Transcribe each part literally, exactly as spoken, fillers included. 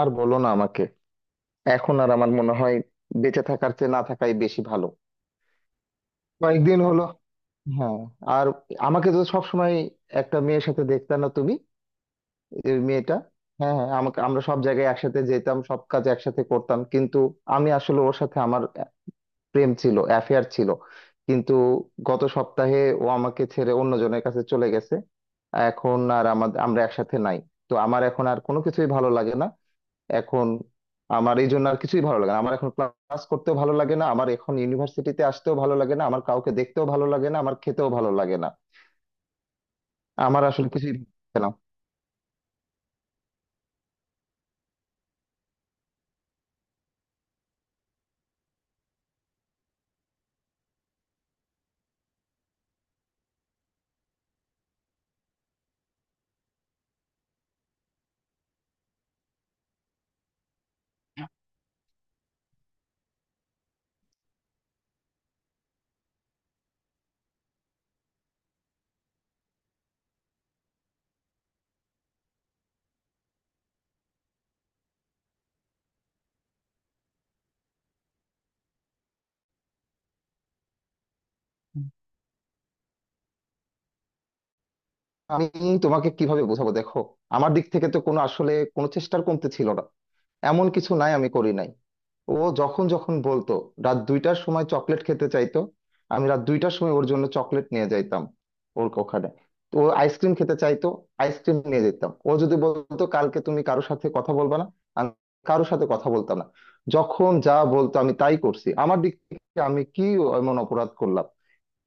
আর বলো না আমাকে। এখন আর আমার মনে হয় বেঁচে থাকার চেয়ে না থাকাই বেশি ভালো। কয়েকদিন হলো। হ্যাঁ। আর আমাকে তো সবসময় একটা মেয়ের সাথে দেখতা না তুমি? এই মেয়েটা, হ্যাঁ হ্যাঁ, আমাকে আমরা সব জায়গায় একসাথে যেতাম, সব কাজ একসাথে করতাম। কিন্তু আমি আসলে ওর সাথে আমার প্রেম ছিল, অ্যাফেয়ার ছিল। কিন্তু গত সপ্তাহে ও আমাকে ছেড়ে অন্যজনের কাছে চলে গেছে। এখন আর আমাদের আমরা একসাথে নাই। তো আমার এখন আর কোনো কিছুই ভালো লাগে না। এখন আমার এই জন্য আর কিছুই ভালো লাগে না, আমার এখন ক্লাস করতেও ভালো লাগে না, আমার এখন ইউনিভার্সিটিতে আসতেও ভালো লাগে না, আমার কাউকে দেখতেও ভালো লাগে না, আমার খেতেও ভালো লাগে না। আমার আসলে কিছুই ভালো লাগে না। আমি তোমাকে কিভাবে বোঝাবো? দেখো, আমার দিক থেকে তো কোনো, আসলে কোনো চেষ্টার কমতে ছিল না। এমন কিছু নাই আমি করি নাই। ও যখন যখন বলতো রাত দুইটার সময় চকলেট খেতে চাইতো, আমি রাত দুইটার সময় ওর জন্য চকলেট নিয়ে যাইতাম ওর ওখানে। তো ও আইসক্রিম খেতে চাইতো, আইসক্রিম নিয়ে যেতাম। ও যদি বলতো কালকে তুমি কারোর সাথে কথা বলবা না, আমি কারোর সাথে কথা বলতাম না। যখন যা বলতো আমি তাই করছি। আমার দিক থেকে আমি কি এমন অপরাধ করলাম?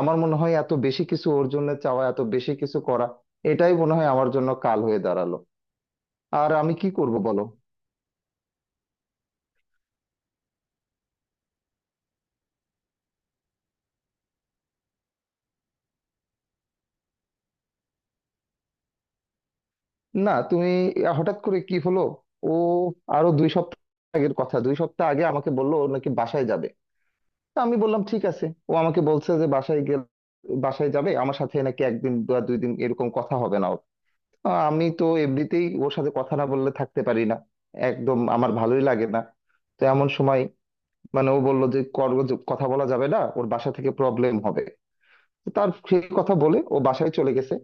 আমার মনে হয় এত বেশি কিছু ওর জন্য চাওয়া, এত বেশি কিছু করা, এটাই মনে হয় আমার জন্য কাল হয়ে দাঁড়ালো। আর আমি কি করব বলো? না তুমি, হঠাৎ করে কি হলো? ও আরো দুই সপ্তাহ আগের কথা, দুই সপ্তাহ আগে আমাকে বললো ও নাকি বাসায় যাবে। তো আমি বললাম ঠিক আছে। ও আমাকে বলছে যে বাসায় গেলে, বাসায় যাবে, আমার সাথে নাকি একদিন বা দুই দিন এরকম কথা হবে না ওর। আহ, আমি তো এমনিতেই ওর সাথে কথা না বললে থাকতে পারি না, একদম আমার ভালোই লাগে না। তো এমন সময় মানে ও বললো যে কর, কথা বলা যাবে না, ওর বাসা থেকে প্রবলেম হবে। তার সেই কথা বলে ও বাসায় চলে গেছে।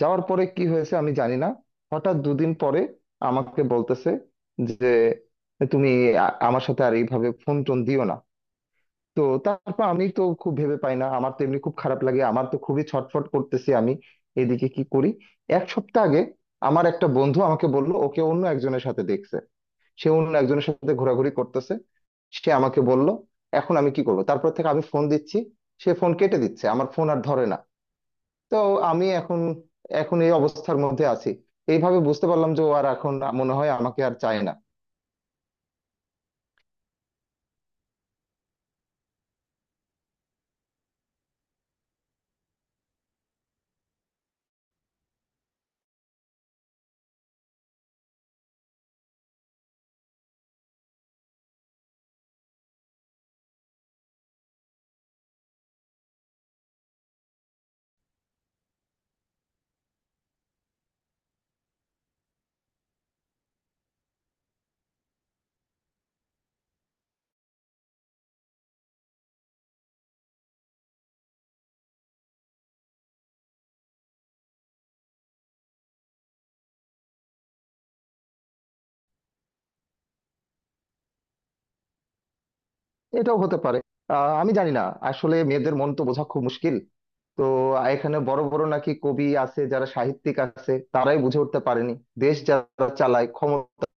যাওয়ার পরে কি হয়েছে আমি জানি না। হঠাৎ দুদিন পরে আমাকে বলতেছে যে তুমি, আ- আমার সাথে আর এইভাবে ফোন টোন দিও না। তো তারপর আমি তো খুব ভেবে পাই না, আমার তো এমনি খুব খারাপ লাগে, আমার তো খুবই ছটফট করতেছি আমি। এদিকে কি করি? এক সপ্তাহ আগে আমার একটা বন্ধু আমাকে বলল ওকে অন্য একজনের সাথে দেখছে, সে অন্য একজনের সাথে ঘোরাঘুরি করতেছে। সে আমাকে বলল। এখন আমি কি করবো? তারপর থেকে আমি ফোন দিচ্ছি, সে ফোন কেটে দিচ্ছে, আমার ফোন আর ধরে না। তো আমি এখন, এখন এই অবস্থার মধ্যে আছি। এইভাবে বুঝতে পারলাম যে ও আর এখন মনে হয় আমাকে আর চায় না। এটাও হতে পারে। আহ, আমি জানি না। আসলে মেয়েদের মন তো বোঝা খুব মুশকিল। তো এখানে বড় বড় নাকি কবি আছে, যারা সাহিত্যিক আছে, তারাই বুঝে উঠতে পারেনি। দেশ যারা চালায়, ক্ষমতাবান,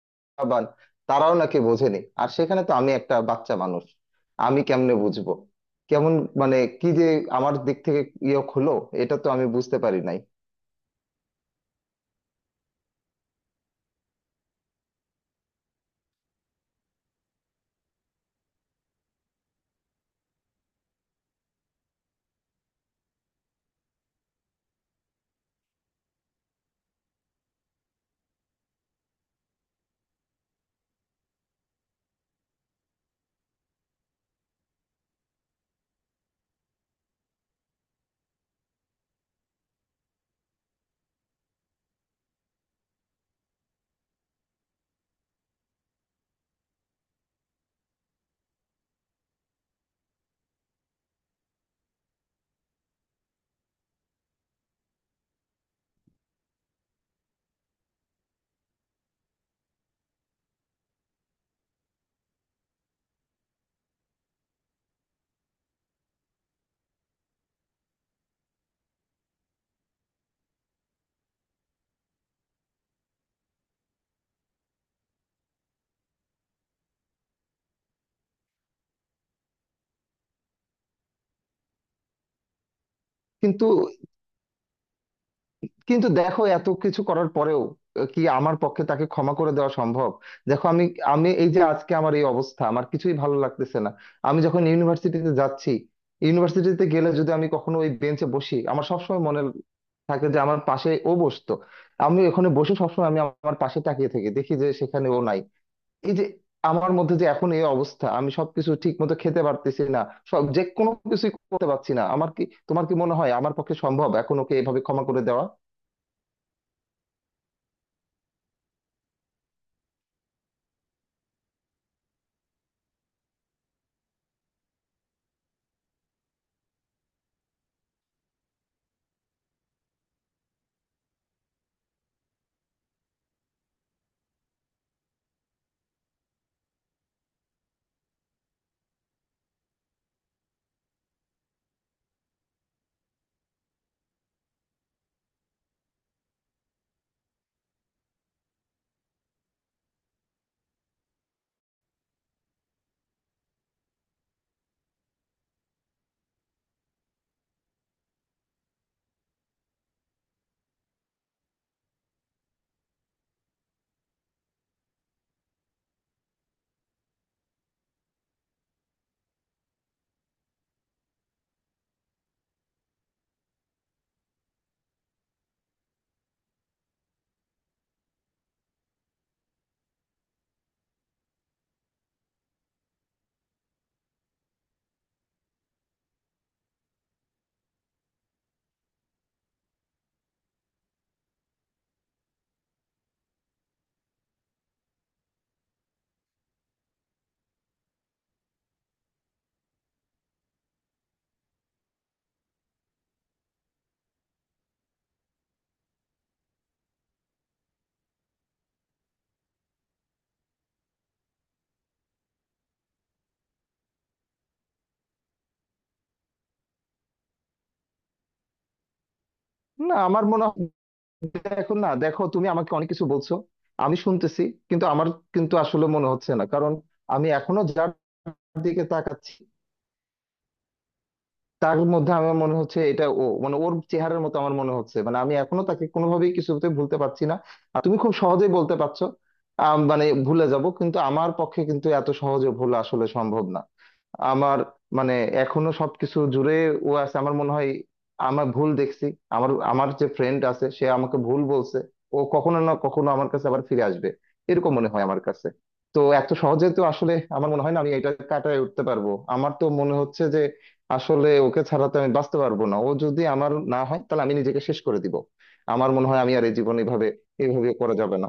তারাও নাকি বোঝেনি। আর সেখানে তো আমি একটা বাচ্চা মানুষ, আমি কেমনে বুঝবো কেমন? মানে কি যে আমার দিক থেকে ইয়ে হলো, এটা তো আমি বুঝতে পারি নাই। কিন্তু কিন্তু দেখো এত কিছু করার পরেও, আহ, কি আমার পক্ষে তাকে ক্ষমা করে দেওয়া সম্ভব? দেখো আমি আমি এই যে আজকে আমার এই অবস্থা, আমার কিছুই ভালো লাগতেছে না। আমি যখন ইউনিভার্সিটিতে যাচ্ছি, ইউনিভার্সিটিতে গেলে যদি আমি কখনো ওই বেঞ্চে বসি, আমার সবসময় মনে থাকে যে আমার পাশে ও বসতো। আমি ওখানে বসে সবসময় আমি আমার পাশে তাকিয়ে থাকি, দেখি যে সেখানে ও নাই। এই যে আমার মধ্যে যে এখন এই অবস্থা, আমি সবকিছু ঠিক মতো খেতে পারতেছি না। সব, যে কোনো কিছুই করতে পারছি না। আমার কি, তোমার কি মনে হয় আমার পক্ষে সম্ভব এখন ওকে এভাবে ক্ষমা করে দেওয়া? না, আমার মনে হয় এখন না। দেখো তুমি আমাকে অনেক কিছু বলছো, আমি শুনতেছি, কিন্তু আমার, কিন্তু আসলে মনে হচ্ছে না। কারণ আমি এখনো যার দিকে তাকাচ্ছি, তার মধ্যে আমার মনে হচ্ছে এটা ও, মানে ওর চেহারার মতো আমার মনে হচ্ছে। মানে আমি এখনো তাকে কোনোভাবেই কিছুতে ভুলতে পারছি না। আর তুমি খুব সহজেই বলতে পারছো আম, মানে ভুলে যাব, কিন্তু আমার পক্ষে কিন্তু এত সহজে ভোলা আসলে সম্ভব না। আমার মানে এখনো সবকিছু জুড়ে ও আছে, আমার মনে হয়। আমার ভুল দেখছি। আমার আমার যে ফ্রেন্ড আছে সে আমাকে ভুল বলছে। ও কখনো না কখনো আমার কাছে আবার ফিরে আসবে, এরকম মনে হয় আমার কাছে। তো এত সহজে তো আসলে আমার মনে হয় না আমি এটা কাটায় উঠতে পারবো। আমার তো মনে হচ্ছে যে আসলে ওকে ছাড়া তো আমি বাঁচতে পারবো না। ও যদি আমার না হয় তাহলে আমি নিজেকে শেষ করে দিব। আমার মনে হয় আমি আর এই জীবন এইভাবে, এইভাবে করা যাবে না।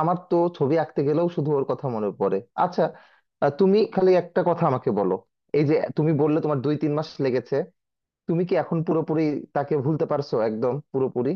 আমার তো ছবি আঁকতে গেলেও শুধু ওর কথা মনে পড়ে। আচ্ছা, আহ, তুমি খালি একটা কথা আমাকে বলো। এই যে তুমি বললে তোমার দুই তিন মাস লেগেছে, তুমি কি এখন পুরোপুরি তাকে ভুলতে পারছো, একদম পুরোপুরি?